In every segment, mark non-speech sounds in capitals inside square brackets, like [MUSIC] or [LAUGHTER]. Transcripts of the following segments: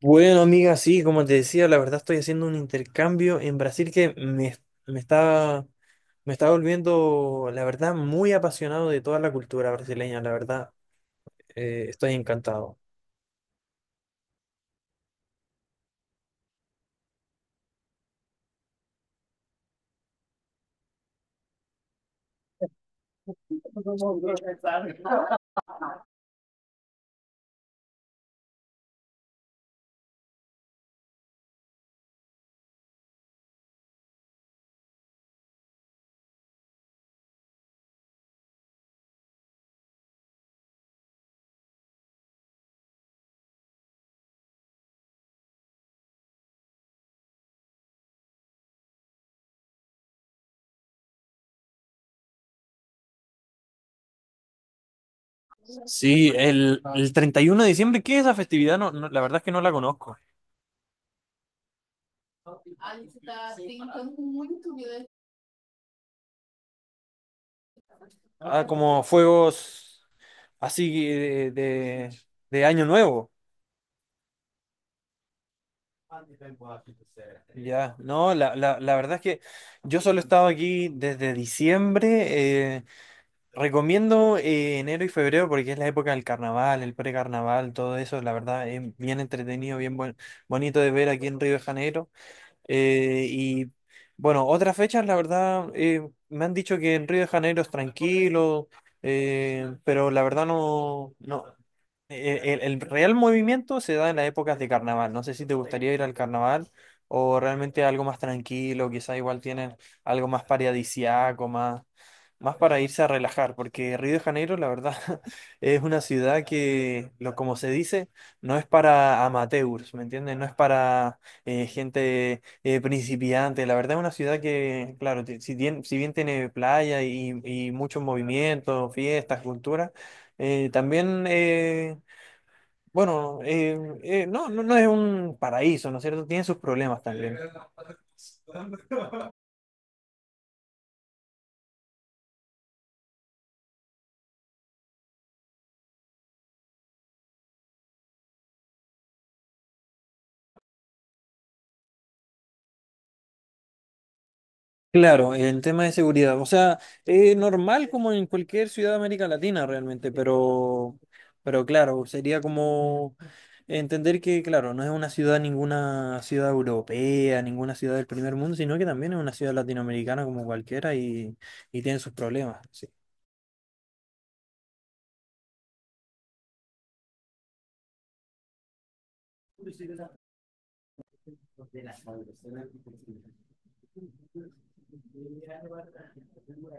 Bueno, amiga, sí, como te decía, la verdad estoy haciendo un intercambio en Brasil que me está, me está volviendo, la verdad, muy apasionado de toda la cultura brasileña, la verdad, estoy encantado. Sí, el 31 de diciembre, ¿qué es esa festividad? No, no, la verdad es que no la conozco. Ah, como fuegos así de Año Nuevo. Ya, no, la verdad es que yo solo he estado aquí desde diciembre. eh, Recomiendo enero y febrero porque es la época del carnaval, el precarnaval, todo eso, la verdad es bien entretenido, bonito de ver aquí en Río de Janeiro. Y bueno, otras fechas, la verdad, me han dicho que en Río de Janeiro es tranquilo, pero la verdad no, no, el real movimiento se da en las épocas de carnaval. No sé si te gustaría ir al carnaval o realmente algo más tranquilo, quizá igual tienen algo más paradisiaco, más para irse a relajar, porque Río de Janeiro, la verdad, [LAUGHS] es una ciudad que, como se dice, no es para amateurs, ¿me entiendes? No es para gente principiante. La verdad es una ciudad que, claro, si bien, si bien tiene playa y mucho movimiento, fiestas, cultura, también bueno, eh, no, no, no es un paraíso, ¿no es cierto? Tiene sus problemas también. Claro, el tema de seguridad. O sea, normal como en cualquier ciudad de América Latina realmente, pero claro, sería como entender que, claro, no es una ciudad, ninguna ciudad europea, ninguna ciudad del primer mundo, sino que también es una ciudad latinoamericana como cualquiera y tiene sus problemas.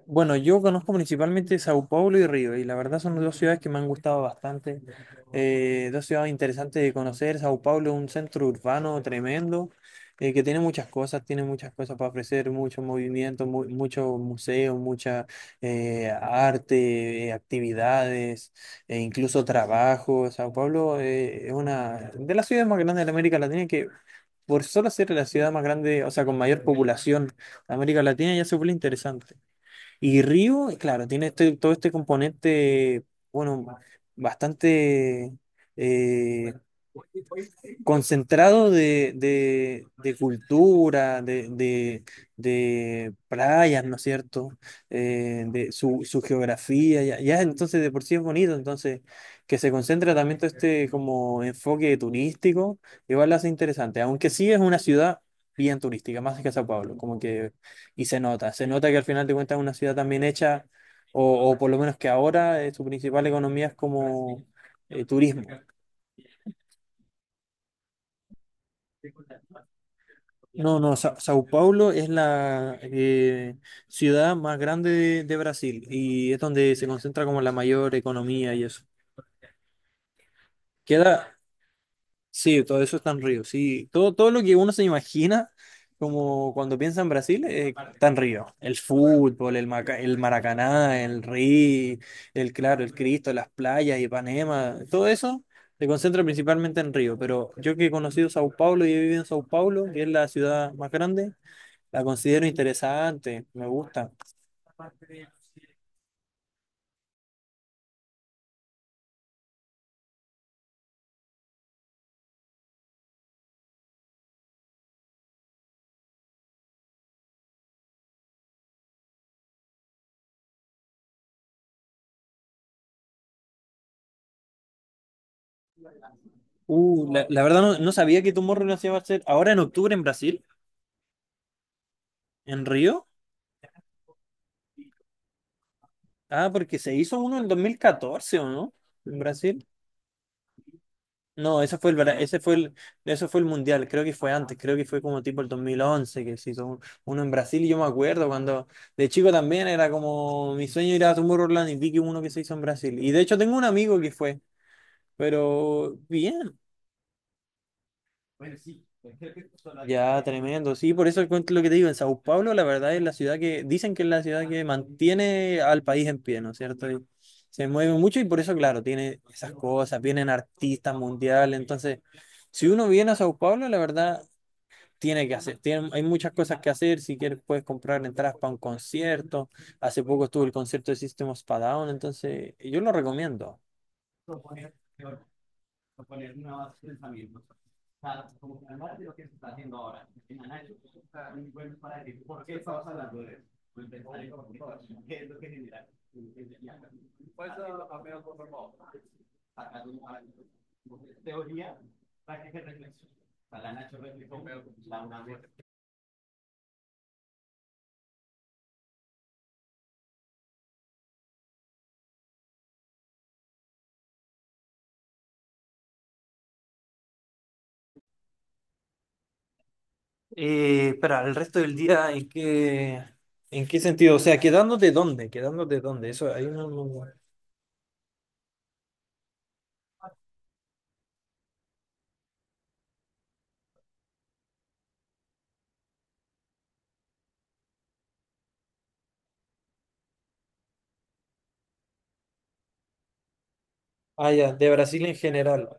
Bueno, yo conozco principalmente Sao Paulo y Río, y la verdad son dos ciudades que me han gustado bastante. Dos ciudades interesantes de conocer. Sao Paulo es un centro urbano tremendo, que tiene muchas cosas para ofrecer, mucho movimiento, muchos museos, mucha arte, actividades, e incluso trabajo. Sao Paulo es una de las ciudades más grandes de América Latina que por solo ser la ciudad más grande, o sea, con mayor población de América Latina, ya se vuelve interesante. Y Río, claro, todo este componente, bueno, bastante eh, concentrado de cultura, de playas, ¿no es cierto? De su geografía, ya entonces de por sí es bonito, entonces que se concentra también todo este como enfoque turístico, igual lo hace interesante, aunque sí es una ciudad bien turística, más que Sao Paulo, como que, y se nota que al final de cuentas es una ciudad también hecha, o por lo menos que ahora su principal economía es como turismo. No, no, Sao Paulo es la ciudad más grande de Brasil y es donde se concentra como la mayor economía y eso. Queda, sí, todo eso está en Río, sí, todo, todo lo que uno se imagina como cuando piensa en Brasil está en Río. El fútbol, el Maracaná, el Río, el Claro, el Cristo, las playas, Ipanema, todo eso se concentra principalmente en Río, pero yo que he conocido Sao Paulo y he vivido en Sao Paulo, que es la ciudad más grande. La considero interesante, me gusta. La verdad no, no sabía que Tomorrowland se iba a hacer ahora en octubre en Brasil, en Río. Ah, porque se hizo uno en 2014, ¿o no? En Brasil. No, ese fue el Mundial, creo que fue antes, creo que fue como tipo el 2011 que uno en Brasil y yo me acuerdo cuando de chico también era como mi sueño ir a Tomorrowland y vi que uno que se hizo en Brasil. Y de hecho tengo un amigo que fue, pero bien. Ya, tremendo. Sí, por eso cuento lo que te digo. En Sao Paulo, la verdad es la ciudad que, dicen que es la ciudad que mantiene al país en pie, ¿no es cierto? Y se mueve mucho y por eso, claro, tiene esas cosas, vienen artistas mundiales. Entonces, si uno viene a Sao Paulo, la verdad, tiene que hacer. Tiene- hay muchas cosas que hacer. Si quieres, puedes comprar entradas para un concierto. Hace poco estuvo el concierto de System of a Down, entonces yo lo recomiendo. Para el resto del día, ¿en qué sentido? O sea, ¿quedándote dónde? ¿Quedándote dónde? Eso, ahí no. Ah, ya, de Brasil en general.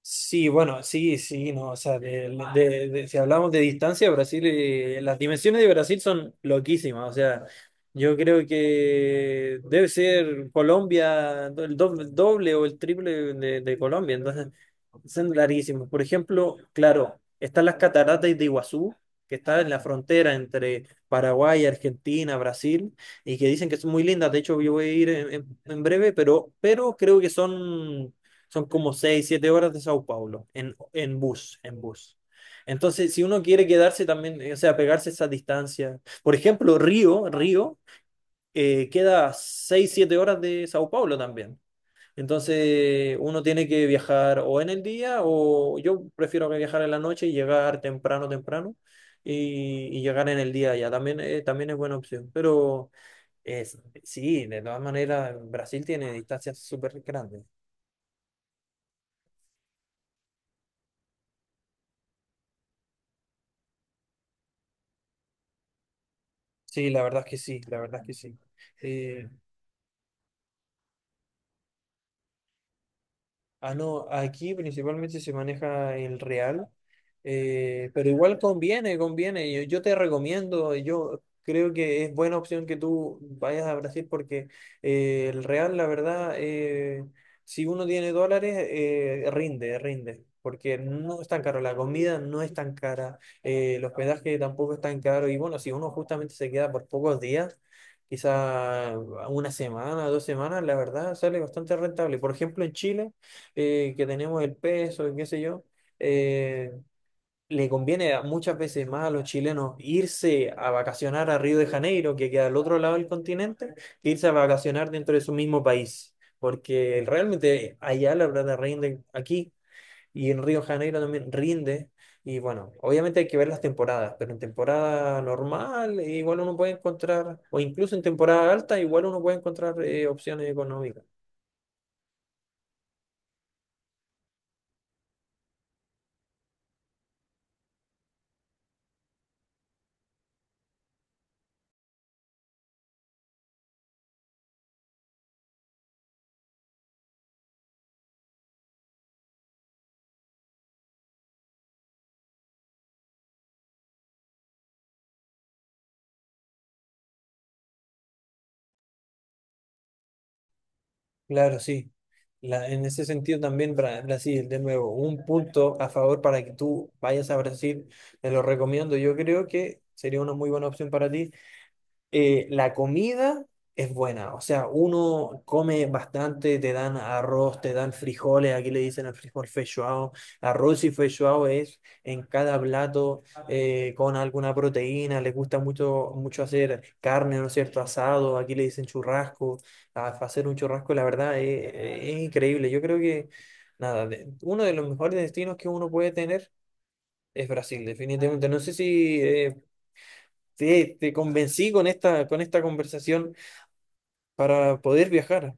Sí, bueno, sí, sí, no, o sea, si hablamos de distancia, Brasil, las dimensiones de Brasil son loquísimas, o sea, yo creo que debe ser Colombia, el doble, doble o el triple de Colombia, entonces son larguísimos. Por ejemplo, claro, están las cataratas de Iguazú, que está en la frontera entre Paraguay, Argentina, Brasil, y que dicen que son muy lindas. De hecho, yo voy a ir en breve, pero creo que son, son como 6 7 horas de Sao Paulo en bus, en bus. Entonces, si uno quiere quedarse también, o sea, pegarse esa distancia. Por ejemplo, Río, Río, queda 6 7 horas de Sao Paulo también. Entonces uno tiene que viajar o en el día o yo prefiero que viajar en la noche y llegar temprano, temprano y llegar en el día ya. También, también es buena opción. Pero es, sí, de todas maneras, Brasil tiene distancias súper grandes. Sí, la verdad es que sí, la verdad es que sí. Eh, Ah, no, aquí principalmente se maneja el real, pero igual conviene, conviene. Yo te recomiendo, yo creo que es buena opción que tú vayas a Brasil porque el real, la verdad, si uno tiene dólares, rinde, rinde, porque no es tan caro, la comida no es tan cara, el hospedaje tampoco es tan caro y bueno, si uno justamente se queda por pocos días. Quizá una semana, dos semanas, la verdad sale bastante rentable. Por ejemplo, en Chile, que tenemos el peso y qué sé yo, eh, muchas veces más a los chilenos irse a vacacionar a Río de Janeiro, que queda al otro lado del continente, que irse a vacacionar dentro de su mismo país, porque realmente allá la plata rinde aquí y en Río de Janeiro también rinde. Y bueno, obviamente hay que ver las temporadas, pero en temporada normal igual uno puede encontrar, o incluso en temporada alta, igual uno puede encontrar opciones económicas. Claro, sí. En ese sentido también Brasil, de nuevo, un punto a favor para que tú vayas a Brasil, te lo recomiendo, yo creo que sería una muy buena opción para ti. La comida es buena, o sea, uno come bastante, te dan arroz, te dan frijoles, aquí le dicen el frijol feijoao, arroz y feijoao es en cada plato con alguna proteína, les gusta mucho, mucho hacer carne, ¿no es cierto? Asado, aquí le dicen churrasco, hacer un churrasco, la verdad, es increíble, yo creo que, nada, uno de los mejores destinos que uno puede tener es Brasil, definitivamente, no sé si... te, te convencí con esta conversación para poder viajar.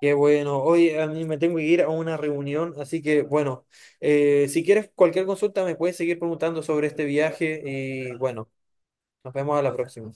Qué bueno, hoy a mí me tengo que ir a una reunión, así que bueno, si quieres cualquier consulta me puedes seguir preguntando sobre este viaje y bueno, nos vemos a la próxima.